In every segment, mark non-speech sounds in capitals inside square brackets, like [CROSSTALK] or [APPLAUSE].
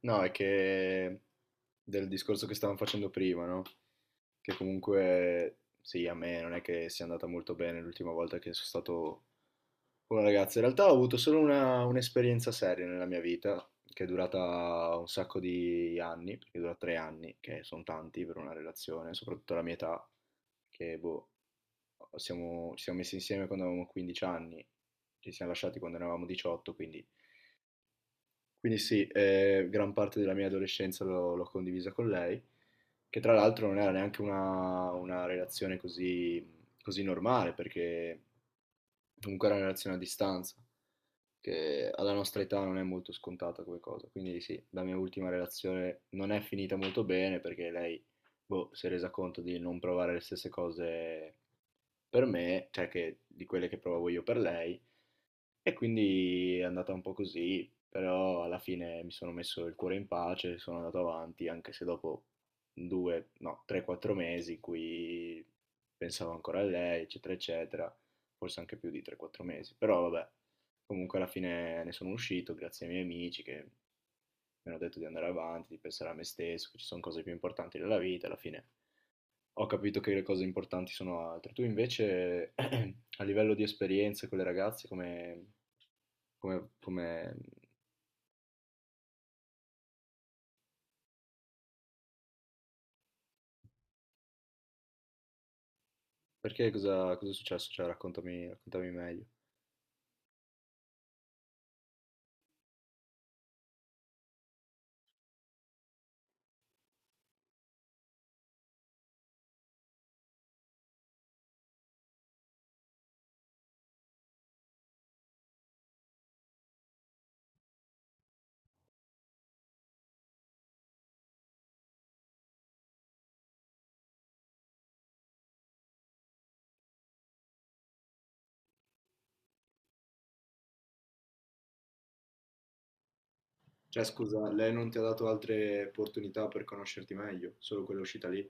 No, è che del discorso che stavamo facendo prima, no? Che comunque, sì, a me non è che sia andata molto bene l'ultima volta che sono stato con una ragazza. In realtà ho avuto solo un'esperienza seria nella mia vita, che è durata un sacco di anni, perché dura 3 anni, che sono tanti per una relazione, soprattutto la mia età, che boh, ci siamo messi insieme quando avevamo 15 anni, ci siamo lasciati quando ne avevamo 18. Quindi sì, gran parte della mia adolescenza l'ho condivisa con lei, che tra l'altro non era neanche una relazione così normale, perché comunque era una relazione a distanza, che alla nostra età non è molto scontata come cosa. Quindi sì, la mia ultima relazione non è finita molto bene, perché lei, boh, si è resa conto di non provare le stesse cose per me, cioè che, di quelle che provavo io per lei, e quindi è andata un po' così, però alla fine mi sono messo il cuore in pace, sono andato avanti, anche se dopo due, no, 3, 4 mesi in cui pensavo ancora a lei, eccetera, eccetera, forse anche più di 3, 4 mesi, però vabbè, comunque alla fine ne sono uscito grazie ai miei amici che mi hanno detto di andare avanti, di pensare a me stesso, che ci sono cose più importanti della vita. Alla fine ho capito che le cose importanti sono altre. Tu invece, [CLEARS THROAT] a livello di esperienze con le ragazze, come come... Perché cosa è successo? Cioè, raccontami meglio. Cioè, scusa, lei non ti ha dato altre opportunità per conoscerti meglio, solo quella uscita lì.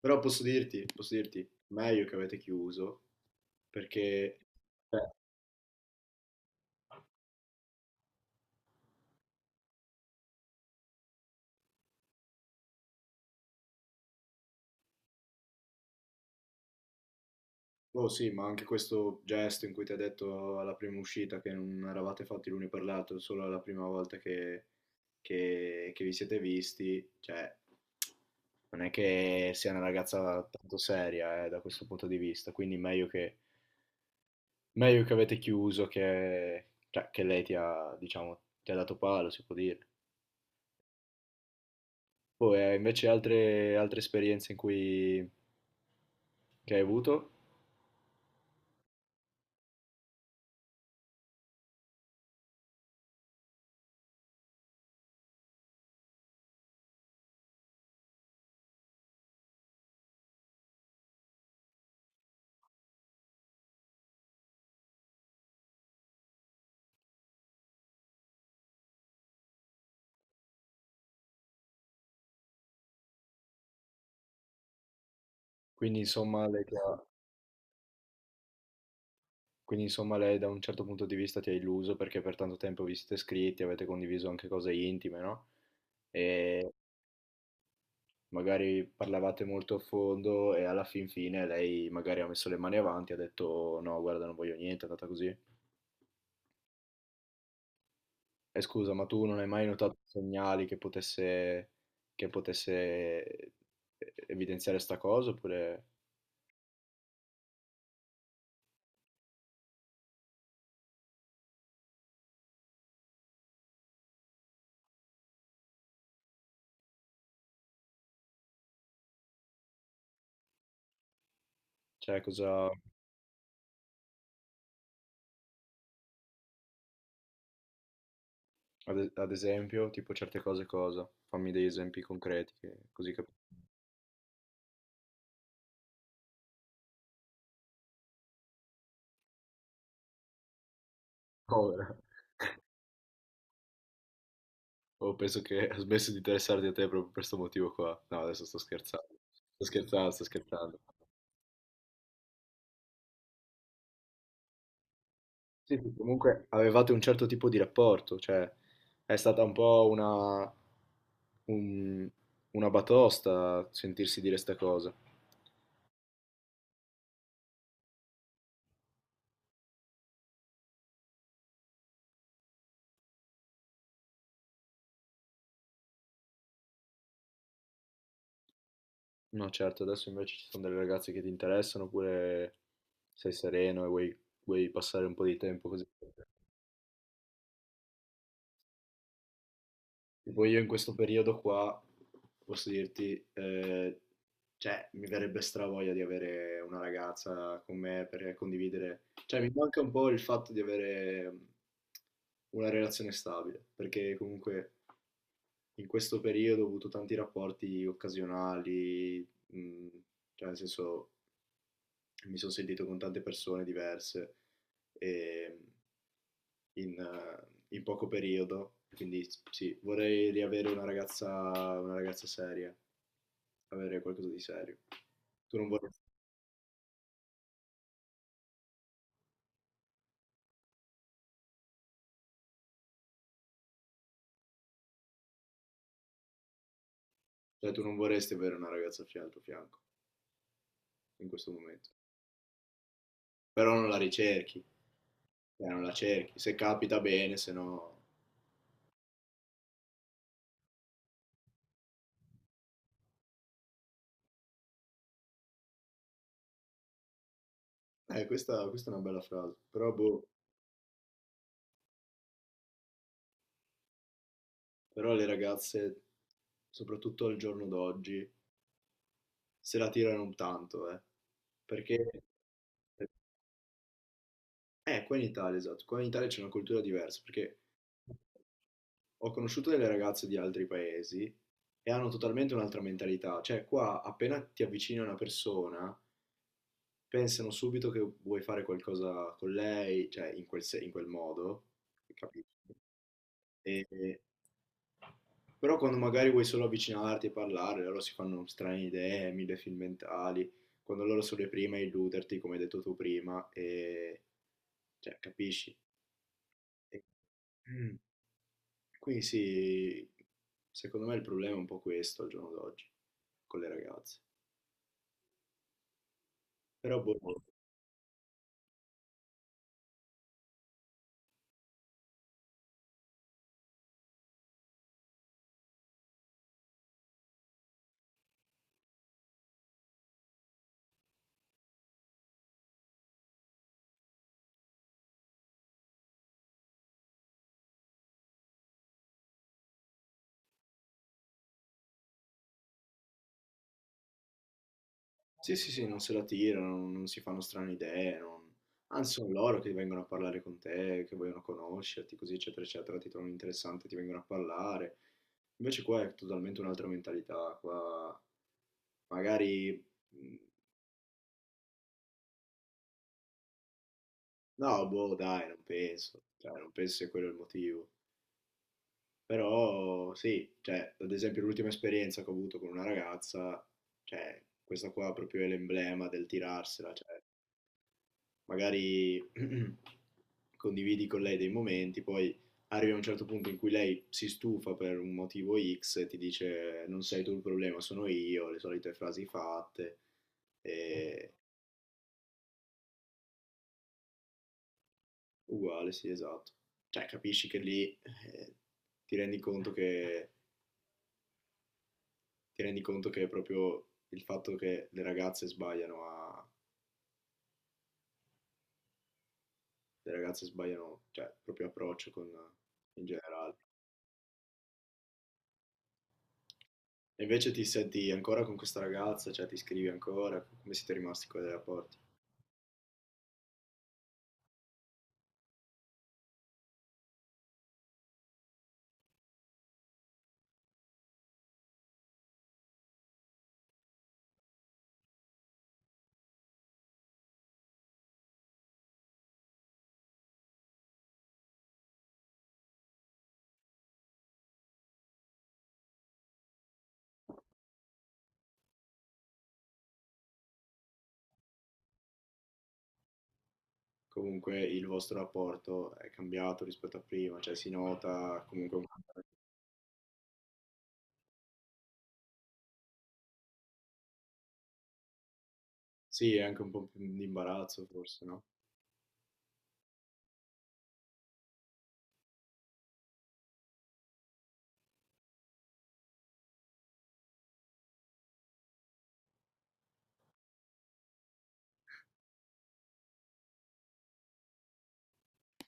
Però posso dirti, meglio che avete chiuso, perché... eh, Oh sì, ma anche questo gesto in cui ti ha detto alla prima uscita che non eravate fatti l'uno per l'altro, solo alla prima volta che vi siete visti, cioè, non è che sia una ragazza tanto seria, da questo punto di vista, quindi Meglio che avete chiuso che, cioè, che lei ti ha, diciamo, ti ha dato palo, si può dire. Poi invece altre esperienze in cui che hai avuto, quindi insomma, lei ti ha- quindi insomma lei da un certo punto di vista ti ha illuso perché per tanto tempo vi siete scritti, avete condiviso anche cose intime, no? E magari parlavate molto a fondo e alla fin fine lei magari ha messo le mani avanti e ha detto no, guarda, non voglio niente, è andata così. E scusa, ma tu non hai mai notato segnali che potesse evidenziare sta cosa? Oppure, cioè, cosa, ad esempio, tipo certe cose cosa? Fammi degli esempi concreti, così capisco. Povera. Oh, penso che ha smesso di interessarti a te proprio per questo motivo qua. No, adesso sto scherzando. Sto scherzando, sto scherzando. Sì, sì, comunque avevate un certo tipo di rapporto, cioè è stata un po' un- una batosta sentirsi dire sta cosa. No, certo, adesso invece ci sono delle ragazze che ti interessano oppure sei sereno e vuoi passare un po' di tempo così. Tipo io in questo periodo qua, posso dirti, cioè mi verrebbe stravoglia di avere una ragazza con me per condividere. Cioè mi manca un po' il fatto di avere una relazione stabile, perché comunque in questo periodo ho avuto tanti rapporti occasionali, mm, cioè nel senso mi sono sentito con tante persone diverse e in, eh, in poco periodo. Quindi sì, vorrei riavere una ragazza seria, avere qualcosa di serio. Tu non vorresti, cioè, tu non vorresti avere una ragazza al tuo fianco in questo momento. Però non la ricerchi, cioè, non la cerchi. Se capita bene, se no... questa è una bella frase. Però, boh, però le ragazze, soprattutto al giorno d'oggi, se la tirano tanto, eh. Perché? Qua in Italia, esatto, qua in Italia c'è una cultura diversa, perché ho conosciuto delle ragazze di altri paesi e hanno totalmente un'altra mentalità, cioè qua appena ti avvicini a una persona, pensano subito che vuoi fare qualcosa con lei, cioè in quel, se- in quel modo, capisci? E- e- Però quando magari vuoi solo avvicinarti e parlare, loro si fanno strane idee, mille film mentali, quando loro sono le prime a illuderti, come hai detto tu prima, e cioè, capisci? E- mm. Quindi sì, secondo me il problema è un po' questo al giorno d'oggi con le ragazze. Però boh, sì, sì, sì, non se la tirano, non si fanno strane idee, anzi sono loro che vengono a parlare con te, che vogliono conoscerti, così eccetera eccetera, ti trovano interessante, ti vengono a parlare. Invece qua è totalmente un'altra mentalità, qua magari... mh. No, boh, dai, non penso, cioè, non penso sia quello il motivo. Però sì, cioè, ad esempio l'ultima esperienza che ho avuto con una ragazza, cioè, questa qua proprio è l'emblema del tirarsela, cioè, magari [CLEARS THROAT] condividi con lei dei momenti, poi arrivi a un certo punto in cui lei si stufa per un motivo X e ti dice non sei tu il problema, sono io, le solite frasi fatte, e uguale, sì, esatto. Cioè, capisci che lì ti rendi conto che ti rendi conto che è proprio il fatto che le ragazze sbagliano a, le ragazze sbagliano, cioè, il proprio approccio con, in generale. E invece ti senti ancora con questa ragazza, cioè ti scrivi ancora, come siete rimasti con i rapporti? Comunque il vostro rapporto è cambiato rispetto a prima, cioè si nota comunque... Sì, è anche un po' più di imbarazzo forse, no?